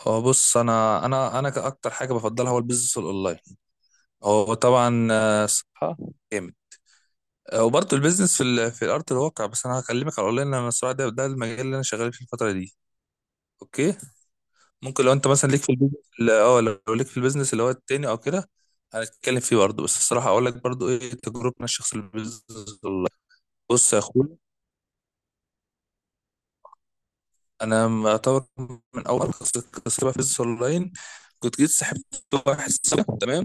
هو بص، انا اكتر حاجه بفضلها هو البيزنس الاونلاين. هو طبعا، صحه جامد. وبرضه البيزنس في في الارض الواقع. بس انا هكلمك على الاونلاين لان الصراحه ده المجال اللي انا شغال فيه الفتره دي. اوكي، ممكن لو انت مثلا ليك في البيزنس، اه لو ليك في البيزنس اللي هو التاني او كده هنتكلم فيه برضه. بس الصراحه اقول لك برضه ايه تجربتنا الشخصيه في البيزنس. والله بص يا اخويا، انا اعتبر من اول قصه بقى في البيزنس اونلاين كنت جيت سحبت واحد صاحبي، تمام؟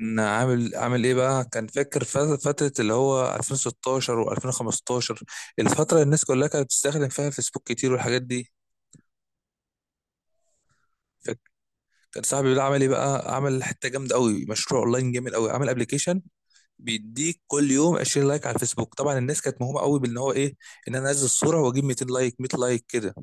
ان عامل ايه بقى؟ كان فاكر فتره اللي هو 2016 و2015، الفتره اللي الناس كلها كانت بتستخدم فيها فيسبوك كتير والحاجات دي، فاكر؟ كان صاحبي بيقول عمل ايه بقى؟ عمل حته جامده قوي، مشروع اونلاين جامد قوي. عمل ابلكيشن بيديك كل يوم 20 لايك على الفيسبوك. طبعا الناس كانت مهومه قوي بان هو ايه؟ ان انا انزل الصوره واجيب 200 لايك، 100 لايك كده.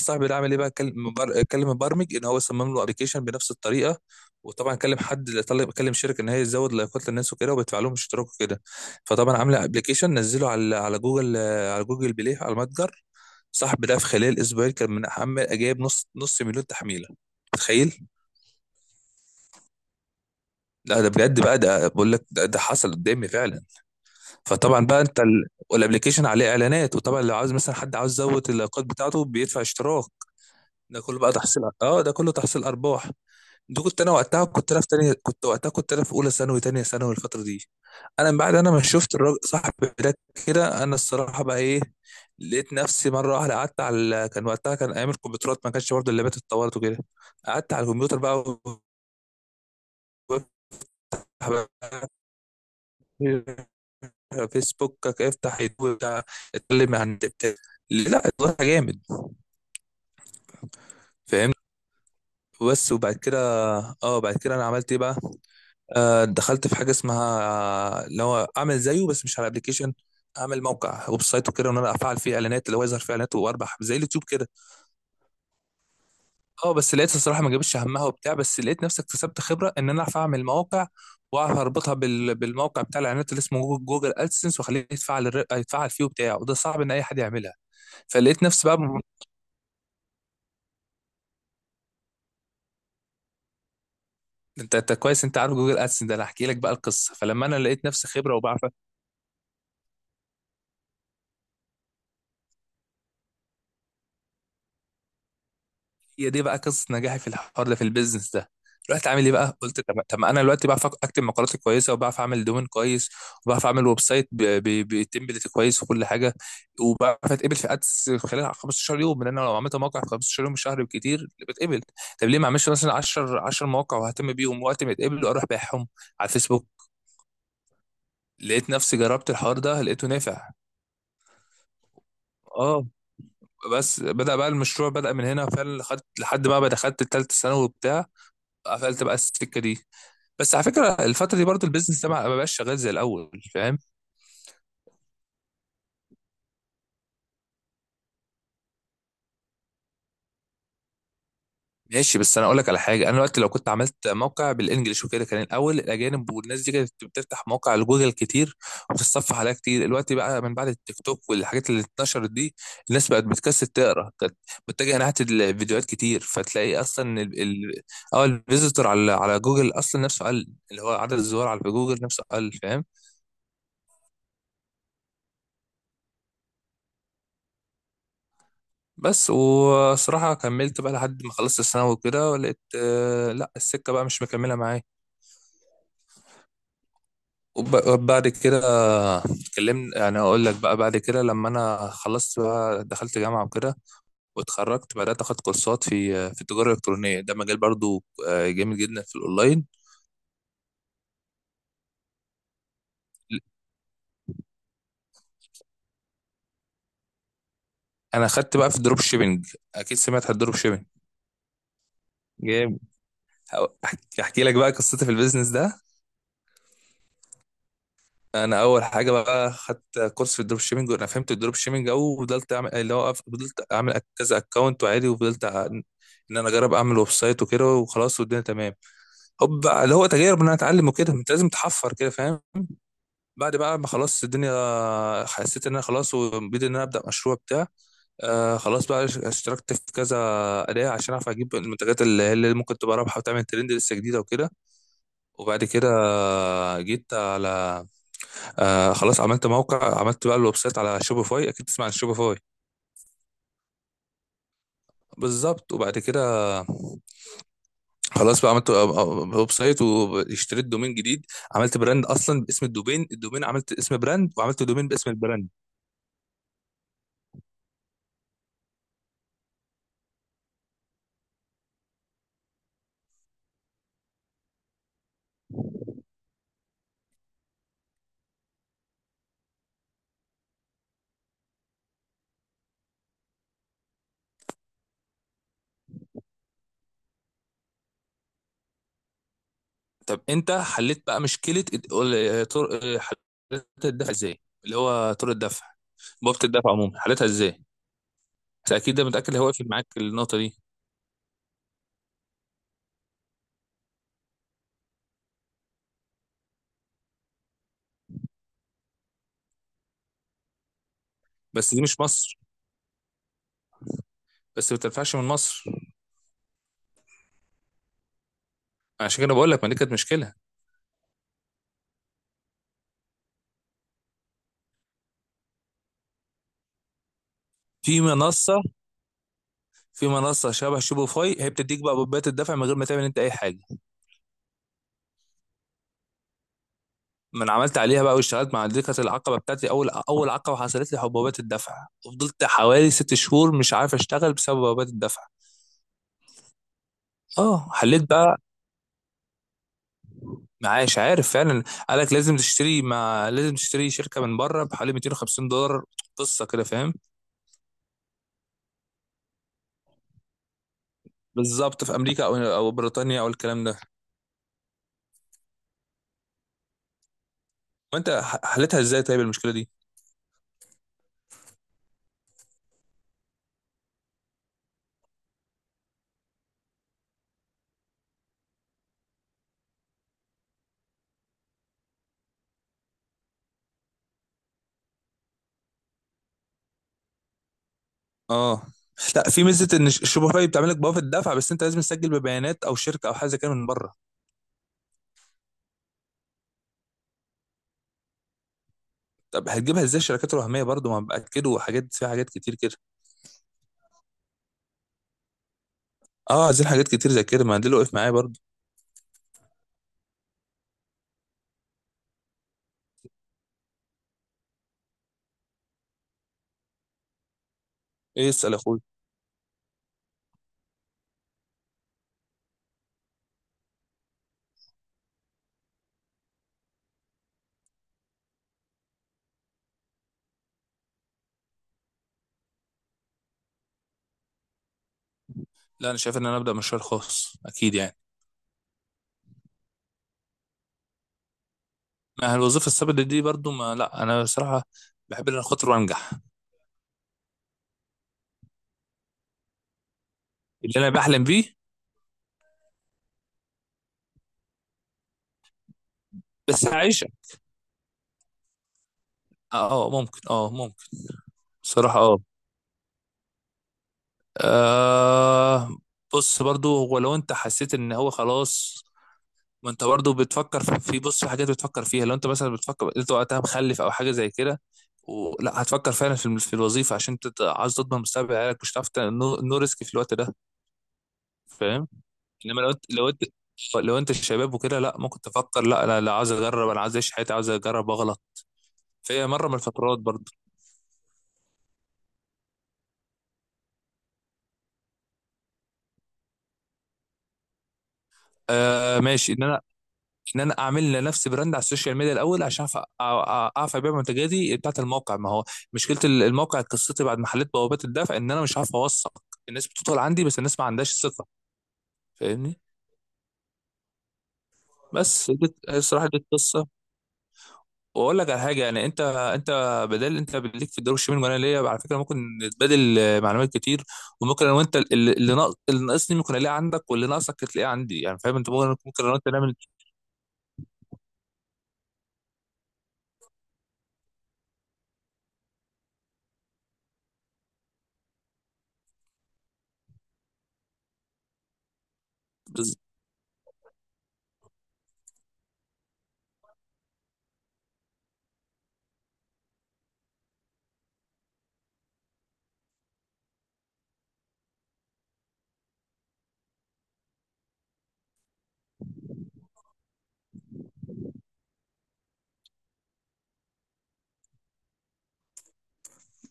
صاحبي ده عمل ايه بقى؟ كلم مبرمج ان هو صمم له ابلكيشن بنفس الطريقه، وطبعا كلم حد، طلب كلم شركه ان هي تزود لايكات للناس وكده وبيدفع لهم اشتراك وكده. فطبعا عامل ابلكيشن نزله على جوجل، على جوجل بلاي، على المتجر. صاحبي ده في خلال اسبوعين كان من عمال جايب نص مليون تحميله. متخيل؟ لا ده بجد بقى، ده بقول لك ده حصل قدامي فعلا. فطبعا بقى انت والابليكيشن عليه اعلانات، وطبعا لو عاوز مثلا حد عاوز يزود اللايكات بتاعته بيدفع اشتراك. ده كله بقى تحصيل، اه ده كله تحصيل ارباح. دي كنت انا وقتها، كنت انا في تانية، كنت وقتها، كنت انا في اولى ثانوي تانية ثانوي الفتره دي. انا من بعد انا ما شفت الراجل صاحبي ده، كده انا الصراحه بقى ايه؟ لقيت نفسي مره واحده قعدت على كان وقتها كان ايام الكمبيوترات، ما كانش برضه اللابات اتطورت وكده. قعدت على الكمبيوتر بقى وبفتح بقى فيسبوكك، افتح يوتيوب بتاع، اتكلم عن بتاع، لا اتغير جامد، فاهمت؟ بس وبعد كده، اه بعد كده انا عملت ايه بقى؟ آه دخلت في حاجه اسمها اللي هو اعمل زيه بس مش على ابلكيشن. اعمل موقع ويب سايت وكده، وان انا افعل فيه اعلانات اللي هو يظهر فيه اعلانات واربح زي اليوتيوب كده. اه بس لقيت الصراحه ما جابتش همها وبتاع، بس لقيت نفسي اكتسبت خبره ان انا اعرف اعمل مواقع واعرف اربطها بالموقع بتاع الاعلانات اللي اسمه جوجل ادسنس، واخليه يتفعل يتفعل فيه وبتاع، وده صعب ان اي حد يعملها. فلقيت نفسي بقى، انت كويس، انت عارف جوجل ادسن ده، انا هحكي لك بقى القصه. فلما انا لقيت نفسي خبره وبعرف، هي دي بقى قصه نجاحي في الحوار ده، في البيزنس ده. رحت عامل ايه بقى؟ قلت طب ما انا دلوقتي بعرف اكتب مقالات كويسه، وبعرف اعمل دومين كويس، وبعرف اعمل ويب سايت بتمبلت كويس وكل حاجه، وبعرف اتقبل في ادس خلال 15 يوم، لان انا لو عملت موقع في 15 يوم شهر بكتير بتقبل. طب ليه ما اعملش مثلا 10 10 مواقع واهتم بيهم وقت ما يتقبلوا اروح بايعهم على الفيسبوك؟ لقيت نفسي جربت الحوار ده، لقيته نافع. اه بس بدأ بقى المشروع، بدأ من هنا فعلا، خدت لحد ما دخلت التالتة ثانوي وبتاع. قفلت بقى السكة دي. بس على فكرة الفترة دي برضو البيزنس ده ما بقاش شغال زي الأول، فاهم؟ ماشي، بس انا اقول لك على حاجه: انا دلوقتي لو كنت عملت موقع بالانجلش وكده، كان الاول الاجانب والناس دي كانت بتفتح مواقع لجوجل كتير، وبتتصفح عليها كتير. دلوقتي بقى من بعد التيك توك والحاجات اللي اتنشرت دي، الناس بقت بتكسل تقرا. كانت متجهه ناحيه الفيديوهات كتير. فتلاقي اصلا اه الفيزيتور على جوجل اصلا نفسه قل، اللي هو عدد الزوار على جوجل نفسه قل، فاهم؟ بس وصراحه كملت بقى لحد ما خلصت الثانوي وكده، ولقيت آه لا السكه بقى مش مكمله معايا. وبعد كده اتكلمنا، يعني اقول لك بقى بعد كده لما انا خلصت بقى دخلت جامعه وكده، واتخرجت بدات اخد كورسات في في التجاره الالكترونيه. ده مجال برضو، جامد جدا في الاونلاين. انا خدت بقى في الدروب شيبنج، اكيد سمعت عن الدروب شيبنج. جامد. احكي، أحكي لك بقى قصتي في البيزنس ده. انا اول حاجه بقى خدت كورس في الدروب شيبنج، وانا فهمت الدروب شيبنج، او وفضلت اعمل اللي هو فضلت اعمل كذا اكونت وعادي، وفضلت ان انا اجرب اعمل ويب سايت وكده وخلاص والدنيا تمام. حب بقى اللي هو تجارب ان انا اتعلم وكده، انت لازم تحفر كده، فاهم؟ بعد بقى ما خلاص الدنيا حسيت ان انا خلاص، وبدي ان انا ابدا مشروع بتاع. آه خلاص بقى اشتركت في كذا اداه عشان اعرف اجيب المنتجات اللي هي اللي ممكن تبقى رابحه وتعمل ترند لسه جديده وكده. وبعد كده جيت على آه خلاص، عملت موقع، عملت بقى الويب سايت على شوبيفاي، اكيد تسمع عن شوبيفاي. بالظبط. وبعد كده خلاص بقى عملت ويب سايت، واشتريت دومين جديد. عملت براند اصلا باسم الدومين، الدومين عملت اسم براند وعملت دومين باسم البراند. طب انت حليت بقى مشكله طرق، حليت الدفع ازاي، اللي هو طرق الدفع؟ بوابه الدفع عموما حليتها ازاي؟ انت اكيد ده متاكد اللي هو واقف معاك النقطه دي. بس دي مش مصر، بس ما تنفعش من مصر. عشان كده بقول لك، ما دي كانت مشكله. في منصه في منصه شبه شوبيفاي، هي بتديك بقى بوابات الدفع من غير ما تعمل انت اي حاجه. ما انا عملت عليها بقى واشتغلت مع دي، كانت العقبه بتاعتي، اول اول عقبه حصلت لي، حبوبات الدفع، وفضلت حوالي 6 شهور مش عارف اشتغل بسبب حبوبات الدفع. اه حليت بقى، معاش عارف فعلا. قالك لازم تشتري، ما لازم تشتري شركه من بره بحوالي 250 دولار، قصه كده، فاهم؟ بالظبط، في امريكا او بريطانيا او الكلام ده. وانت حلتها ازاي طيب المشكله دي؟ اه لا، في ميزه ان شوبيفاي بتعمل لك بوابه الدفع، بس انت لازم تسجل ببيانات او شركه او حاجه زي كده من بره. طب هتجيبها ازاي الشركات الوهميه برضو؟ ما باكدوا حاجات فيها حاجات كتير كده. اه عايزين حاجات كتير زي كده، ما ده اللي وقف معايا برضو. ايه، اسال يا اخوي. لا انا شايف ان انا ابدا مشروع خاص اكيد يعني. ما الوظيفه الثابته دي برضو، ما لا انا بصراحه بحب ان انا خاطر وانجح. اللي انا بحلم بيه بس عايشه. اه ممكن، اه ممكن. بصراحه اه، آه، بص برضو هو لو انت حسيت ان هو خلاص. ما انت برضه بتفكر في بص في حاجات بتفكر فيها. لو انت مثلا بتفكر انت وقتها مخلف او حاجه زي كده، ولا هتفكر فعلا في في الوظيفه عشان انت عاوز تضمن مستقبل عيالك، مش هتعرف نو ريسك في الوقت ده، فاهم؟ انما لو انت شباب وكده، لا ممكن تفكر لا انا لا، عاوز اجرب، انا عاوز اعيش حياتي، عاوز اجرب واغلط في مره من الفترات برضه. آه ماشي، ان انا اعمل لنفسي براند على السوشيال ميديا الاول عشان اعرف ابيع منتجاتي بتاعت الموقع. ما هو مشكله الموقع، قصتي بعد محلات بوابات الدفع، ان انا مش عارف اوثق الناس. بتدخل عندي بس الناس ما عندهاش ثقه، فاهمني؟ بس دي الصراحه دي القصه. واقول لك على حاجه يعني، انت بدل انت ليك في الدروب الشمال وانا ليا، على فكره ممكن نتبادل معلومات كتير. وممكن انا وانت اللي ناقصني ممكن الاقيه عندك، واللي ناقصك تلاقيه عندي، يعني فاهم؟ انت ممكن، انا وانت نعمل.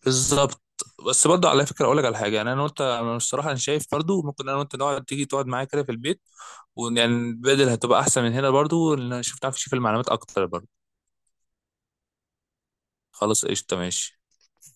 بالظبط. بس برضه على فكره اقول لك على حاجه يعني انا وانت، انا الصراحه انا شايف برضه ممكن انا وانت نقعد، تيجي تقعد معايا كده في البيت، ويعني بدل هتبقى احسن من هنا برضه، لان انا شفت عارف اشوف المعلومات اكتر برضه. خلاص قشطه، ماشي.